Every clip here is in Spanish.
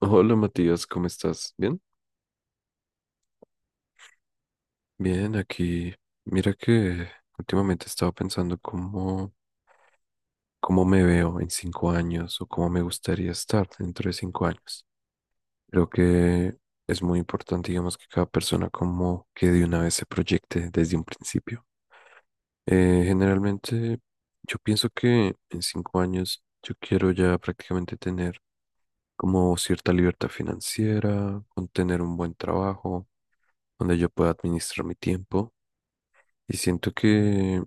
Hola Matías, ¿cómo estás? ¿Bien? Bien, aquí. Mira que últimamente estaba pensando cómo me veo en 5 años o cómo me gustaría estar dentro de 5 años. Creo que es muy importante, digamos, que cada persona como que de una vez se proyecte desde un principio. Generalmente yo pienso que en 5 años yo quiero ya prácticamente tener como cierta libertad financiera, con tener un buen trabajo donde yo pueda administrar mi tiempo. Y siento que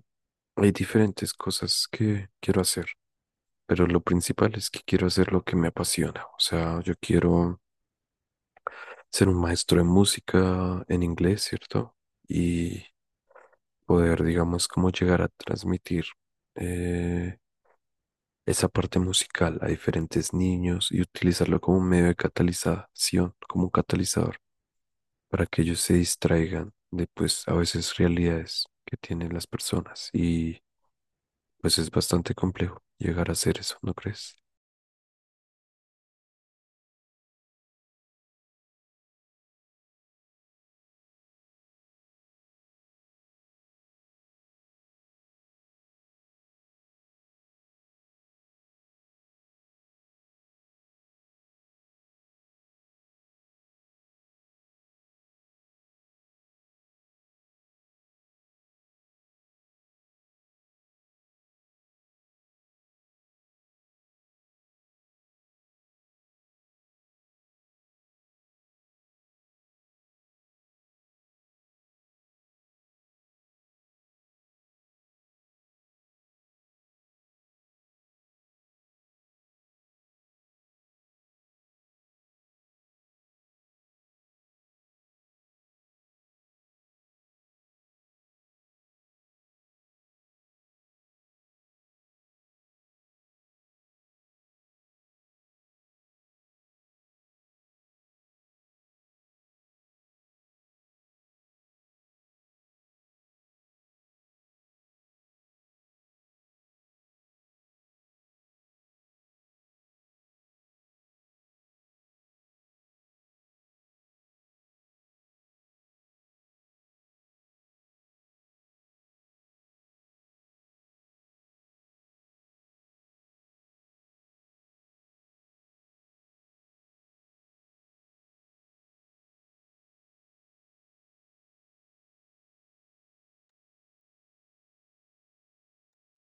hay diferentes cosas que quiero hacer, pero lo principal es que quiero hacer lo que me apasiona. O sea, yo quiero ser un maestro de música en inglés, ¿cierto? Y poder, digamos, como llegar a transmitir eh, esa parte musical a diferentes niños y utilizarlo como un medio de catalización, como un catalizador, para que ellos se distraigan de, pues, a veces realidades que tienen las personas. Pues es bastante complejo llegar a hacer eso, ¿no crees?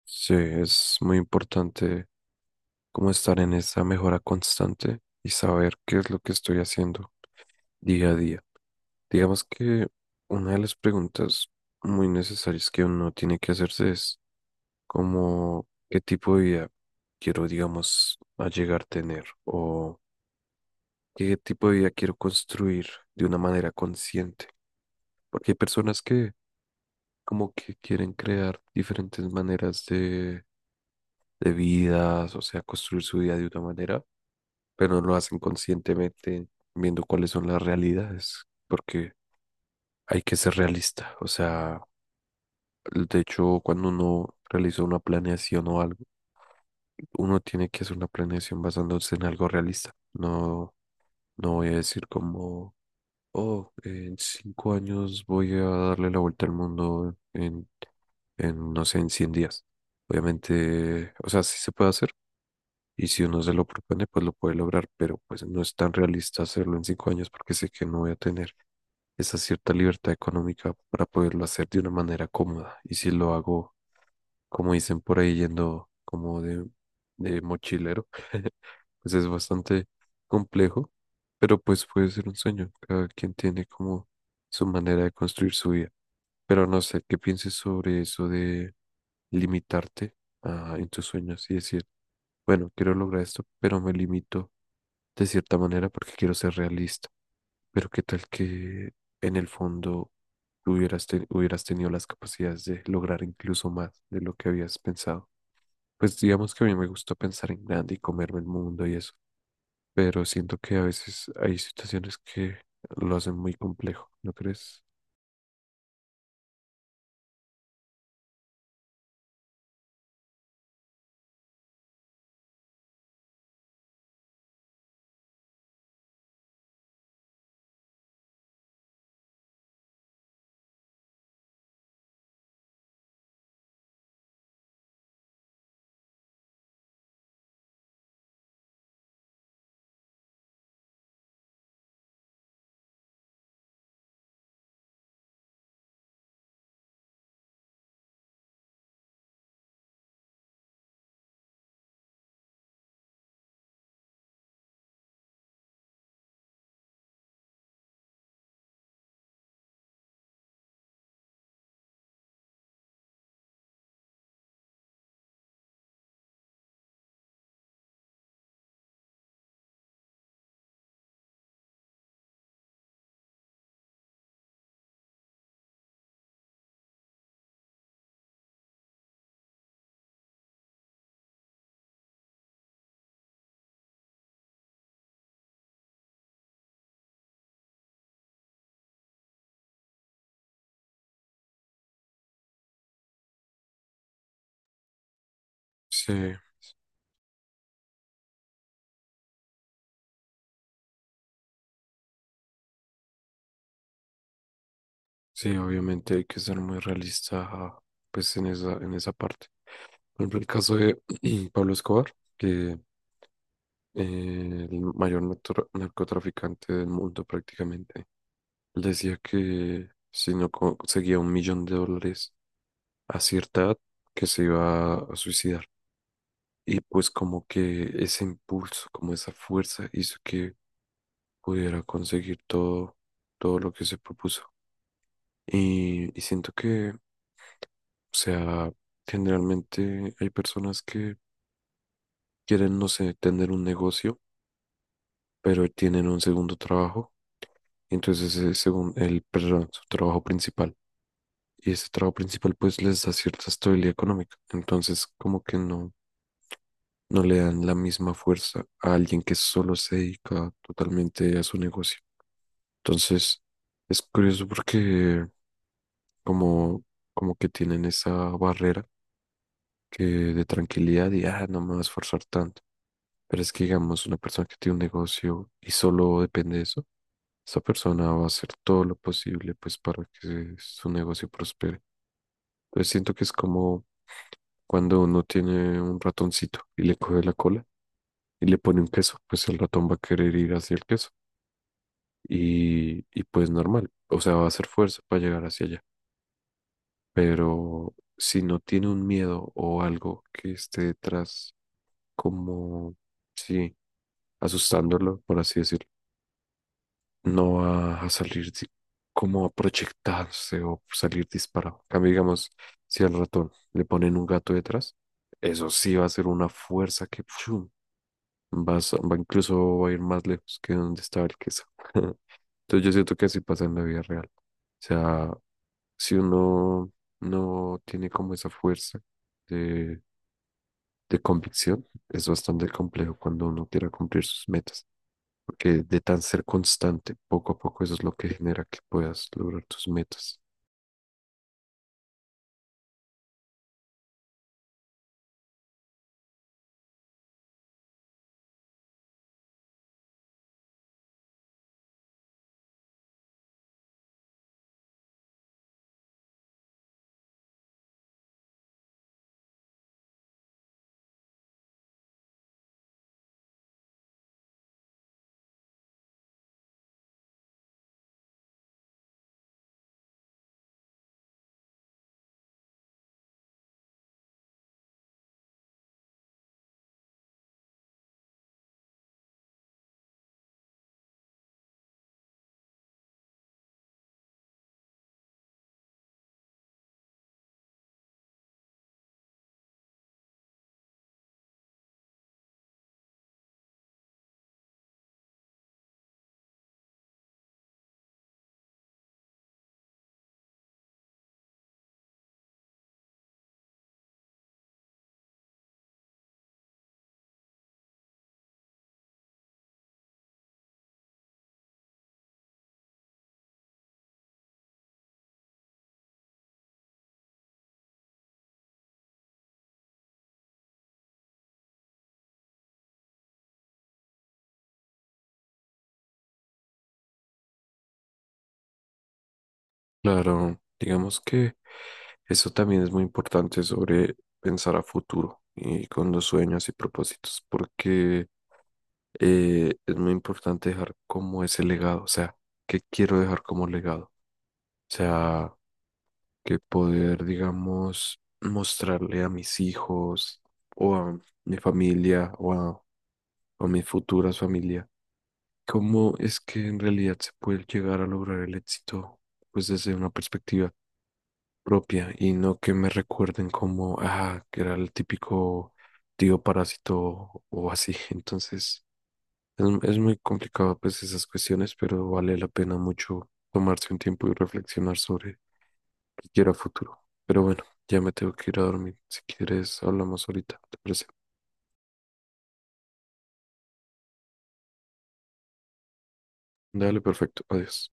Sí, es muy importante como estar en esa mejora constante y saber qué es lo que estoy haciendo día a día. Digamos que una de las preguntas muy necesarias que uno tiene que hacerse es como qué tipo de vida quiero, digamos, a llegar a tener o qué tipo de vida quiero construir de una manera consciente. Porque hay personas que como que quieren crear diferentes maneras de vidas, o sea, construir su vida de una manera, pero no lo hacen conscientemente viendo cuáles son las realidades, porque hay que ser realista, o sea, de hecho, cuando uno realiza una planeación o algo, uno tiene que hacer una planeación basándose en algo realista, no, no voy a decir como, oh, en 5 años voy a darle la vuelta al mundo en, no sé, en 100 días. Obviamente, o sea, sí se puede hacer y si uno se lo propone, pues lo puede lograr, pero pues no es tan realista hacerlo en 5 años porque sé que no voy a tener esa cierta libertad económica para poderlo hacer de una manera cómoda. Y si lo hago como dicen por ahí, yendo como de mochilero, pues es bastante complejo, pero pues puede ser un sueño. Cada quien tiene como su manera de construir su vida. Pero no sé, ¿qué pienses sobre eso de limitarte en tus sueños y decir, bueno, quiero lograr esto, pero me limito de cierta manera porque quiero ser realista? Pero qué tal que en el fondo hubieras tenido las capacidades de lograr incluso más de lo que habías pensado. Pues digamos que a mí me gusta pensar en grande y comerme el mundo y eso, pero siento que a veces hay situaciones que lo hacen muy complejo, ¿no crees? Sí, sí, obviamente hay que ser muy realista, pues en esa parte. Por ejemplo, el caso de Pablo Escobar, que el mayor narcotraficante del mundo prácticamente, él decía que si no conseguía 1 millón de dólares a cierta edad que se iba a suicidar. Y pues como que ese impulso, como esa fuerza hizo que pudiera conseguir todo, todo lo que se propuso. Y siento que, o sea, generalmente hay personas que quieren, no sé, tener un negocio, pero tienen un segundo trabajo. Y entonces ese el, perdón, su trabajo principal. Y ese trabajo principal pues les da cierta estabilidad económica. Entonces como que no le dan la misma fuerza a alguien que solo se dedica totalmente a su negocio. Entonces, es curioso porque como, como que tienen esa barrera que de tranquilidad y, ah, no me voy a esforzar tanto. Pero es que, digamos, una persona que tiene un negocio y solo depende de eso, esa persona va a hacer todo lo posible pues para que su negocio prospere. Entonces siento que es como cuando uno tiene un ratoncito y le coge la cola y le pone un queso, pues el ratón va a querer ir hacia el queso. Y pues normal, o sea, va a hacer fuerza para llegar hacia allá, pero si no tiene un miedo o algo que esté detrás, como, sí, asustándolo, por así decirlo, no va a salir como a proyectarse o salir disparado. En cambio, digamos, si al ratón le ponen un gato detrás, eso sí va a ser una fuerza que, ¡fum! Va incluso va a ir más lejos que donde estaba el queso. Entonces yo siento que así pasa en la vida real. O sea, si uno no tiene como esa fuerza de, de convicción, es bastante complejo cuando uno quiera cumplir sus metas, porque de tan ser constante, poco a poco eso es lo que genera que puedas lograr tus metas. Claro, digamos que eso también es muy importante sobre pensar a futuro y con los sueños y propósitos, porque es muy importante dejar como ese legado, o sea, qué quiero dejar como legado, o sea, que poder, digamos, mostrarle a mis hijos o a mi familia o a mis futuras familias, cómo es que en realidad se puede llegar a lograr el éxito, pues desde una perspectiva propia y no que me recuerden como, ah, que era el típico tío parásito o así, entonces. Es muy complicado pues esas cuestiones, pero vale la pena mucho tomarse un tiempo y reflexionar sobre qué quiero a futuro. Pero bueno, ya me tengo que ir a dormir. Si quieres, hablamos ahorita, ¿te parece? Dale, perfecto. Adiós.